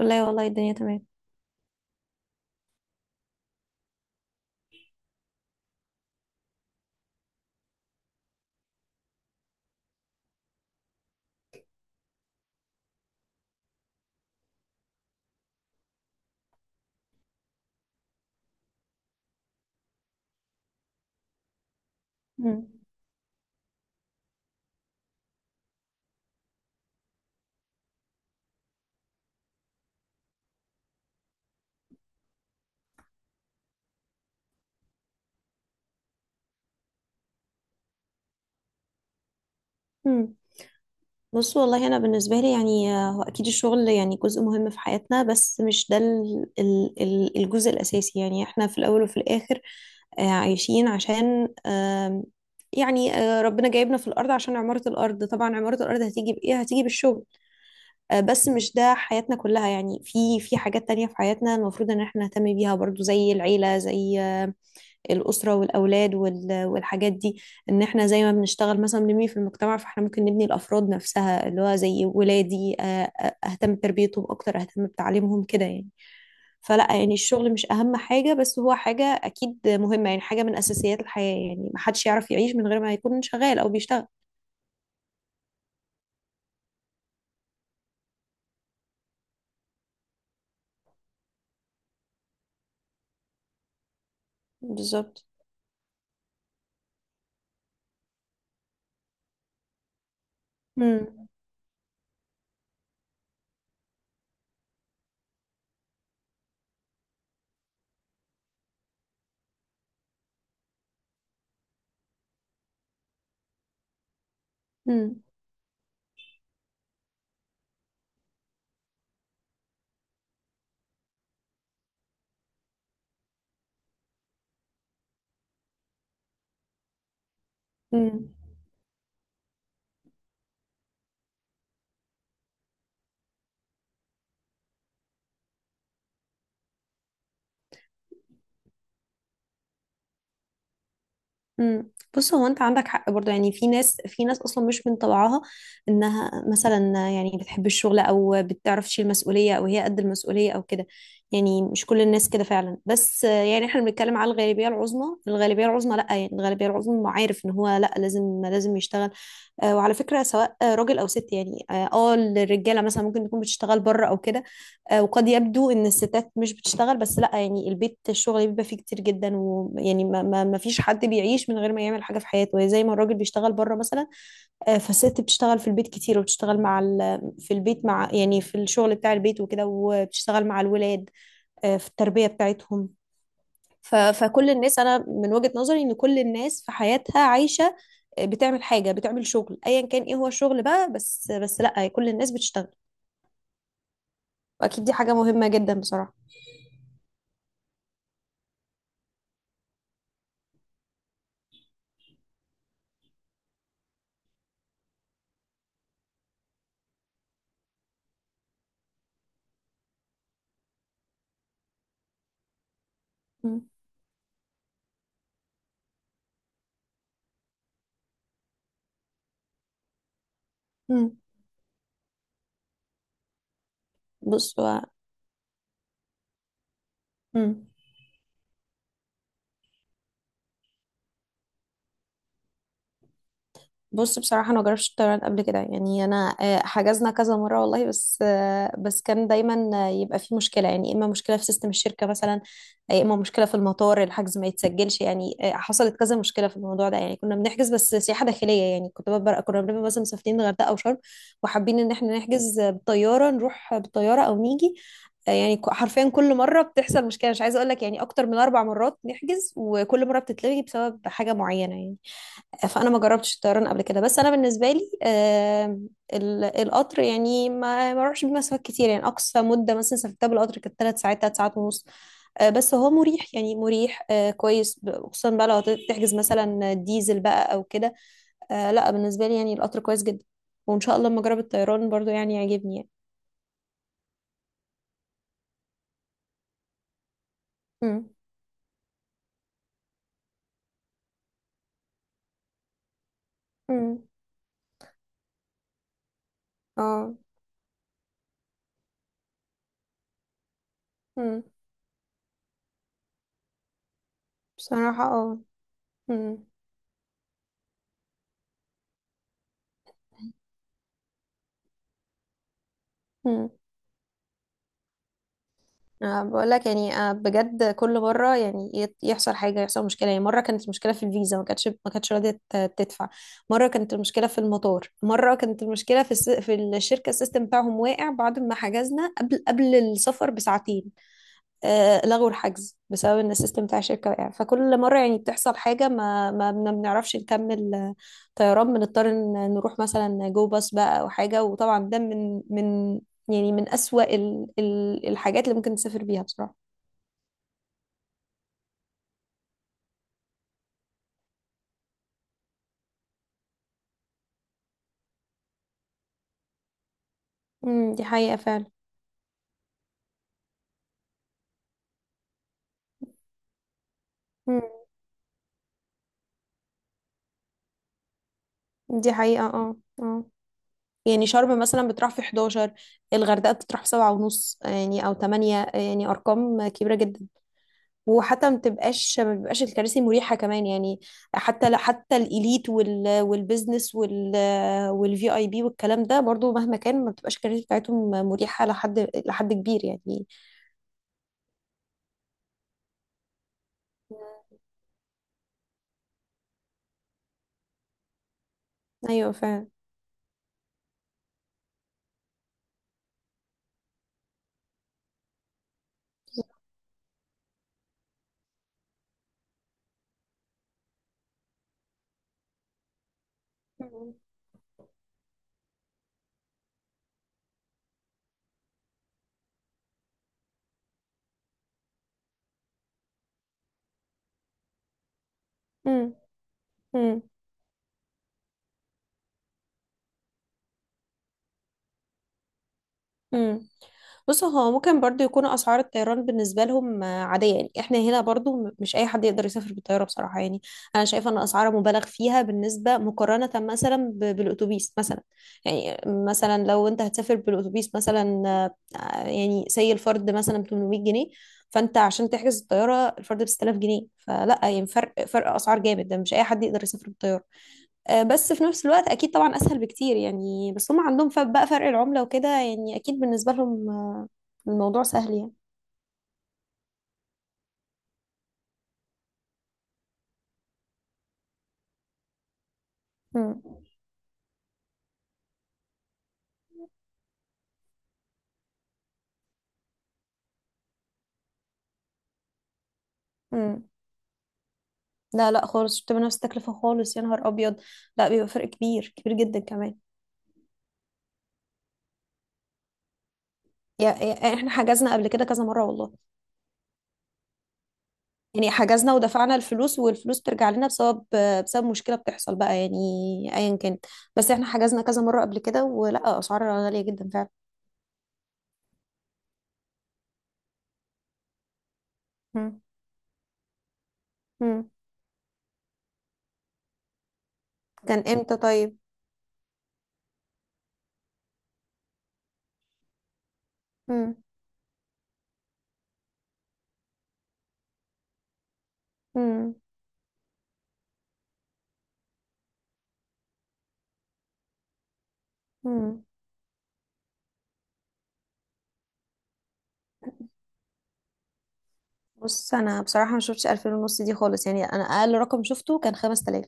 لا والله الدنيا تمام. مم. مم. بص والله انا بالنسبه لي هو اكيد الشغل يعني جزء مهم في حياتنا بس مش ده الجزء الاساسي. يعني احنا في الاول وفي الاخر عايشين عشان آم، يعني آه، ربنا جايبنا في الارض عشان عماره الارض. طبعا عماره الارض هتيجي بايه؟ هتيجي بالشغل. بس مش ده حياتنا كلها. يعني في حاجات تانية في حياتنا المفروض ان احنا نهتم بيها برضو، زي العيله، زي الأسرة والأولاد والحاجات دي. إن إحنا زي ما بنشتغل مثلا بنبني في المجتمع، فإحنا ممكن نبني الأفراد نفسها، اللي هو زي ولادي. أهتم بتربيتهم أكتر، أهتم بتعليمهم كده يعني. فلا، يعني الشغل مش أهم حاجة، بس هو حاجة أكيد مهمة، يعني حاجة من أساسيات الحياة. يعني محدش يعرف يعيش من غير ما يكون شغال أو بيشتغل. بالظبط. مم. مم. مم. امم. بص، هو انت عندك حق برضه. يعني في ناس اصلا مش من طبعها انها مثلا يعني بتحب الشغل او بتعرف تشيل مسؤوليه او هي قد المسؤوليه او كده. يعني مش كل الناس كده فعلا، بس يعني احنا بنتكلم على الغالبيه العظمى. الغالبيه العظمى لا، يعني الغالبيه العظمى عارف ان هو لا، لازم يشتغل. وعلى فكره، سواء راجل او ست. يعني الرجاله مثلا ممكن تكون بتشتغل بره او كده. وقد يبدو ان الستات مش بتشتغل، بس لا، يعني البيت الشغل بيبقى فيه كتير جدا. ويعني ما فيش حد بيعيش من غير ما يعمل حاجه في حياته. يعني زي ما الراجل بيشتغل بره مثلا، فالست بتشتغل في البيت كتير، وبتشتغل مع في الشغل بتاع البيت وكده، وبتشتغل مع الولاد في التربيه بتاعتهم. فكل الناس انا من وجهة نظري ان كل الناس في حياتها عايشة، بتعمل حاجة، بتعمل شغل، ايا كان ايه هو الشغل بقى، بس لا، كل الناس بتشتغل. واكيد دي حاجة مهمة جدا بصراحة. مم. مم. بص هو. مم. بص بصراحة أنا مجربتش الطيران قبل كده. يعني أنا حجزنا كذا مرة والله، بس كان دايما يبقى في مشكلة. يعني إما مشكلة في سيستم الشركة مثلا، يا إما مشكلة في المطار الحجز ما يتسجلش. يعني حصلت كذا مشكلة في الموضوع ده. يعني كنا بنحجز بس سياحة داخلية. يعني كنت ببقى كنا بنبقى مثلا مسافرين الغردقة أو شرم، وحابين إن إحنا نحجز بالطيارة، نروح بالطيارة أو نيجي يعني. حرفيا كل مرة بتحصل مشكلة، مش عايزة أقول لك، يعني أكتر من أربع مرات نحجز وكل مرة بتتلغي بسبب حاجة معينة يعني. فانا ما جربتش الطيران قبل كده. بس انا بالنسبه لي القطر، يعني ما اروحش بمسافات كتير. يعني اقصى مده مثلا سافرتها بالقطر كانت 3 ساعات، 3 ساعات ونص. بس هو مريح، يعني مريح، كويس، خصوصا بقى لو تحجز مثلا ديزل بقى او كده. لا بالنسبه لي يعني القطر كويس جدا. وان شاء الله لما اجرب الطيران برضو يعني يعجبني يعني. امم. امم. اه. امم. بصراحه اه. امم. أه بقول لك، يعني أه بجد كل مره يعني يحصل حاجه، يحصل مشكله. يعني مره كانت المشكله في الفيزا، ما كانتش راضيه تدفع. مره كانت المشكله في المطار. مره كانت المشكله في الشركه، السيستم بتاعهم واقع بعد ما حجزنا قبل السفر بساعتين. لغوا الحجز بسبب ان السيستم بتاع الشركه وقع. فكل مره يعني بتحصل حاجه ما ما بن- بنعرفش نكمل طيران، بنضطر إن نروح مثلا جو باص بقى او حاجه. وطبعا ده من اسوأ ال ال الحاجات اللي ممكن تسافر بيها بصراحه. امم. دي حقيقه فعلا. امم. دي حقيقه اه. اه. يعني شرم مثلا بتروح في 11، الغردقه بتروح في سبعة ونص يعني او 8. يعني ارقام كبيره جدا. وحتى ما بتبقاش ما بيبقاش الكراسي مريحة كمان. يعني حتى لا حتى الإليت والبزنس والفي اي بي والكلام ده برضو، مهما كان ما بتبقاش الكراسي بتاعتهم مريحة لحد كبير يعني. ايوه فعلا. مم. مم. امم. بص هو ممكن برضو يكون اسعار الطيران بالنسبه لهم عاديه. يعني احنا هنا برضو مش اي حد يقدر يسافر بالطياره بصراحه يعني. انا شايفه ان اسعارها مبالغ فيها بالنسبه، مقارنه مثلا بالاتوبيس مثلا. يعني مثلا لو انت هتسافر بالاتوبيس مثلا، يعني سي الفرد مثلا 800 جنيه، فانت عشان تحجز الطياره الفرد ب 6000 جنيه. فلا، يعني فرق اسعار جامد، ده مش اي حد يقدر يسافر بالطياره. بس في نفس الوقت اكيد طبعا اسهل بكتير. يعني بس هم عندهم بقى فرق العملة وكده. يعني اكيد بالنسبة لهم الموضوع سهل يعني. مم. مم. لا لا خالص، مش بتبقى نفس التكلفة خالص، يا نهار ابيض. لا بيبقى فرق كبير، كبير جدا كمان. احنا حجزنا قبل كده كذا مرة والله. يعني حجزنا ودفعنا الفلوس، والفلوس بترجع لنا بسبب، بسبب مشكلة بتحصل بقى يعني، ايا كانت. بس احنا حجزنا كذا مرة قبل كده، ولا اسعار غالية جدا فعلا. مم. مم. كان امتى طيب؟ مم. مم. مم. بص انا بصراحه ما شفتش 2000 ونص دي خالص. يعني انا اقل رقم شفته كان 5000.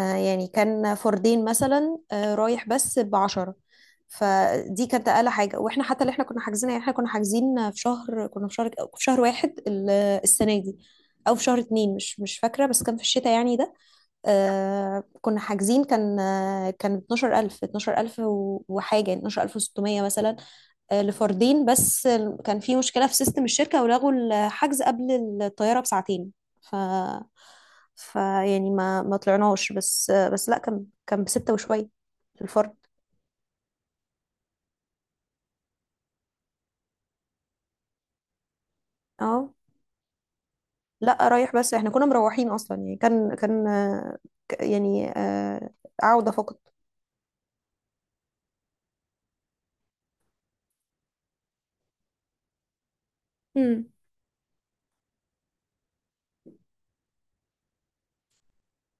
آه، يعني كان فردين مثلا، آه رايح بس ب 10. فدي كانت اقل حاجه. واحنا حتى اللي احنا كنا حاجزين، يعني احنا كنا حاجزين في شهر، كنا في شهر واحد السنه دي، او في شهر اتنين، مش فاكره، بس كان في الشتاء يعني ده. آه كنا حاجزين، كان آه كان 12000 وحاجه، يعني 12600 مثلا. لفردين بس. كان في مشكلة في سيستم الشركة ولغوا الحجز قبل الطيارة بساعتين. ف ف يعني ما ما طلعناش. بس لا، كان بستة وشوية الفرد. اه. لا رايح بس، احنا كنا مروحين اصلا. يعني كان ك- يعني آه، عودة فقط. امم.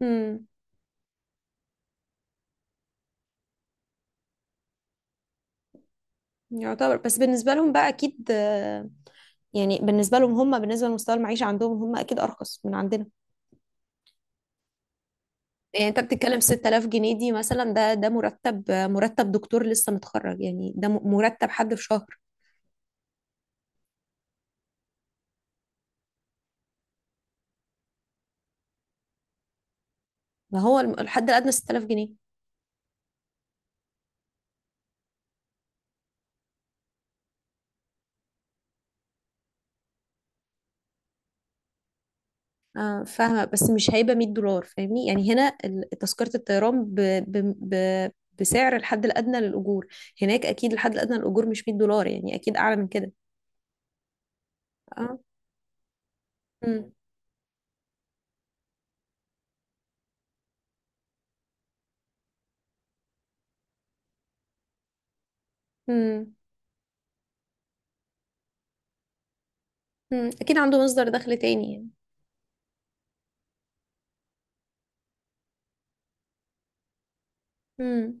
امم. يعتبر، بس بالنسبة لهم بقى اكيد يعني بالنسبة لمستوى المعيشة عندهم هم اكيد ارخص من عندنا. يعني انت بتتكلم 6000 جنيه دي مثلا، ده ده مرتب، مرتب دكتور لسه متخرج، يعني ده مرتب حد في شهر. ما هو الحد الادنى 6000 جنيه. اه فاهمه، بس مش هيبقى 100 دولار، فاهمني يعني هنا تذكره الطيران ب ب ب بسعر الحد الادنى للاجور. هناك اكيد الحد الادنى للاجور مش 100 دولار، يعني اكيد اعلى من كده. اه. امم. امم. امم. اكيد عنده مصدر دخل تاني يعني. امم.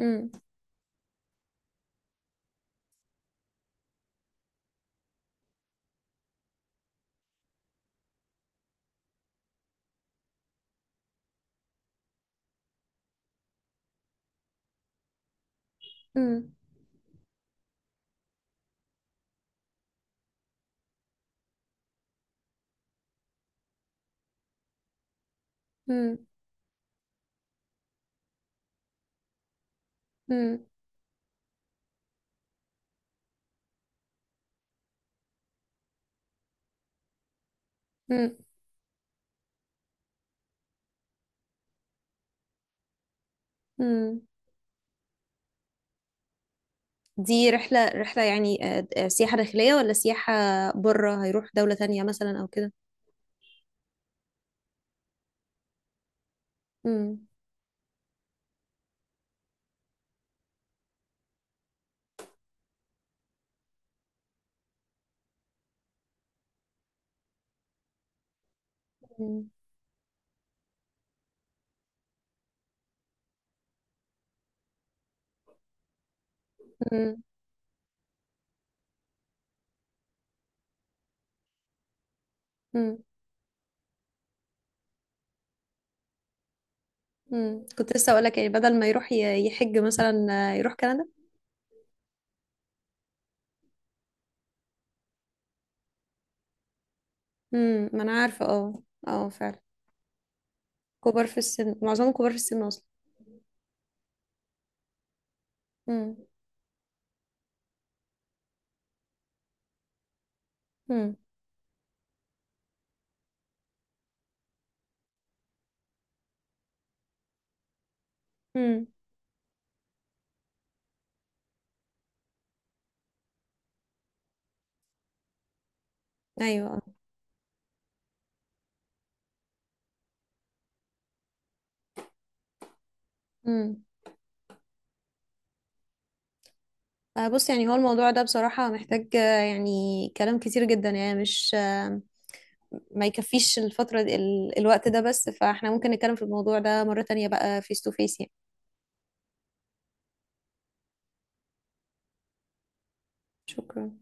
امم. امم. امم. امم. دي رحلة يعني سياحة داخلية ولا سياحة بره، هيروح دولة تانية مثلا أو كده؟ مم. مم. مم. مم. مم. كنت لسه أقولك، يعني بدل ما يروح يحج مثلا، يروح كندا. مم. ما أنا عارفة اه. اه فعلا. كبار في السن، معظمهم كبار في السن أصلا. مم. مم. مم. أيوة اه. مم. بص، يعني هو الموضوع ده بصراحة محتاج يعني كلام كتير جدا، يعني مش ما يكفيش الفترة دي، الوقت ده بس. فاحنا ممكن نتكلم في الموضوع ده مرة تانية بقى، فيس تو فيس يعني. شكرا.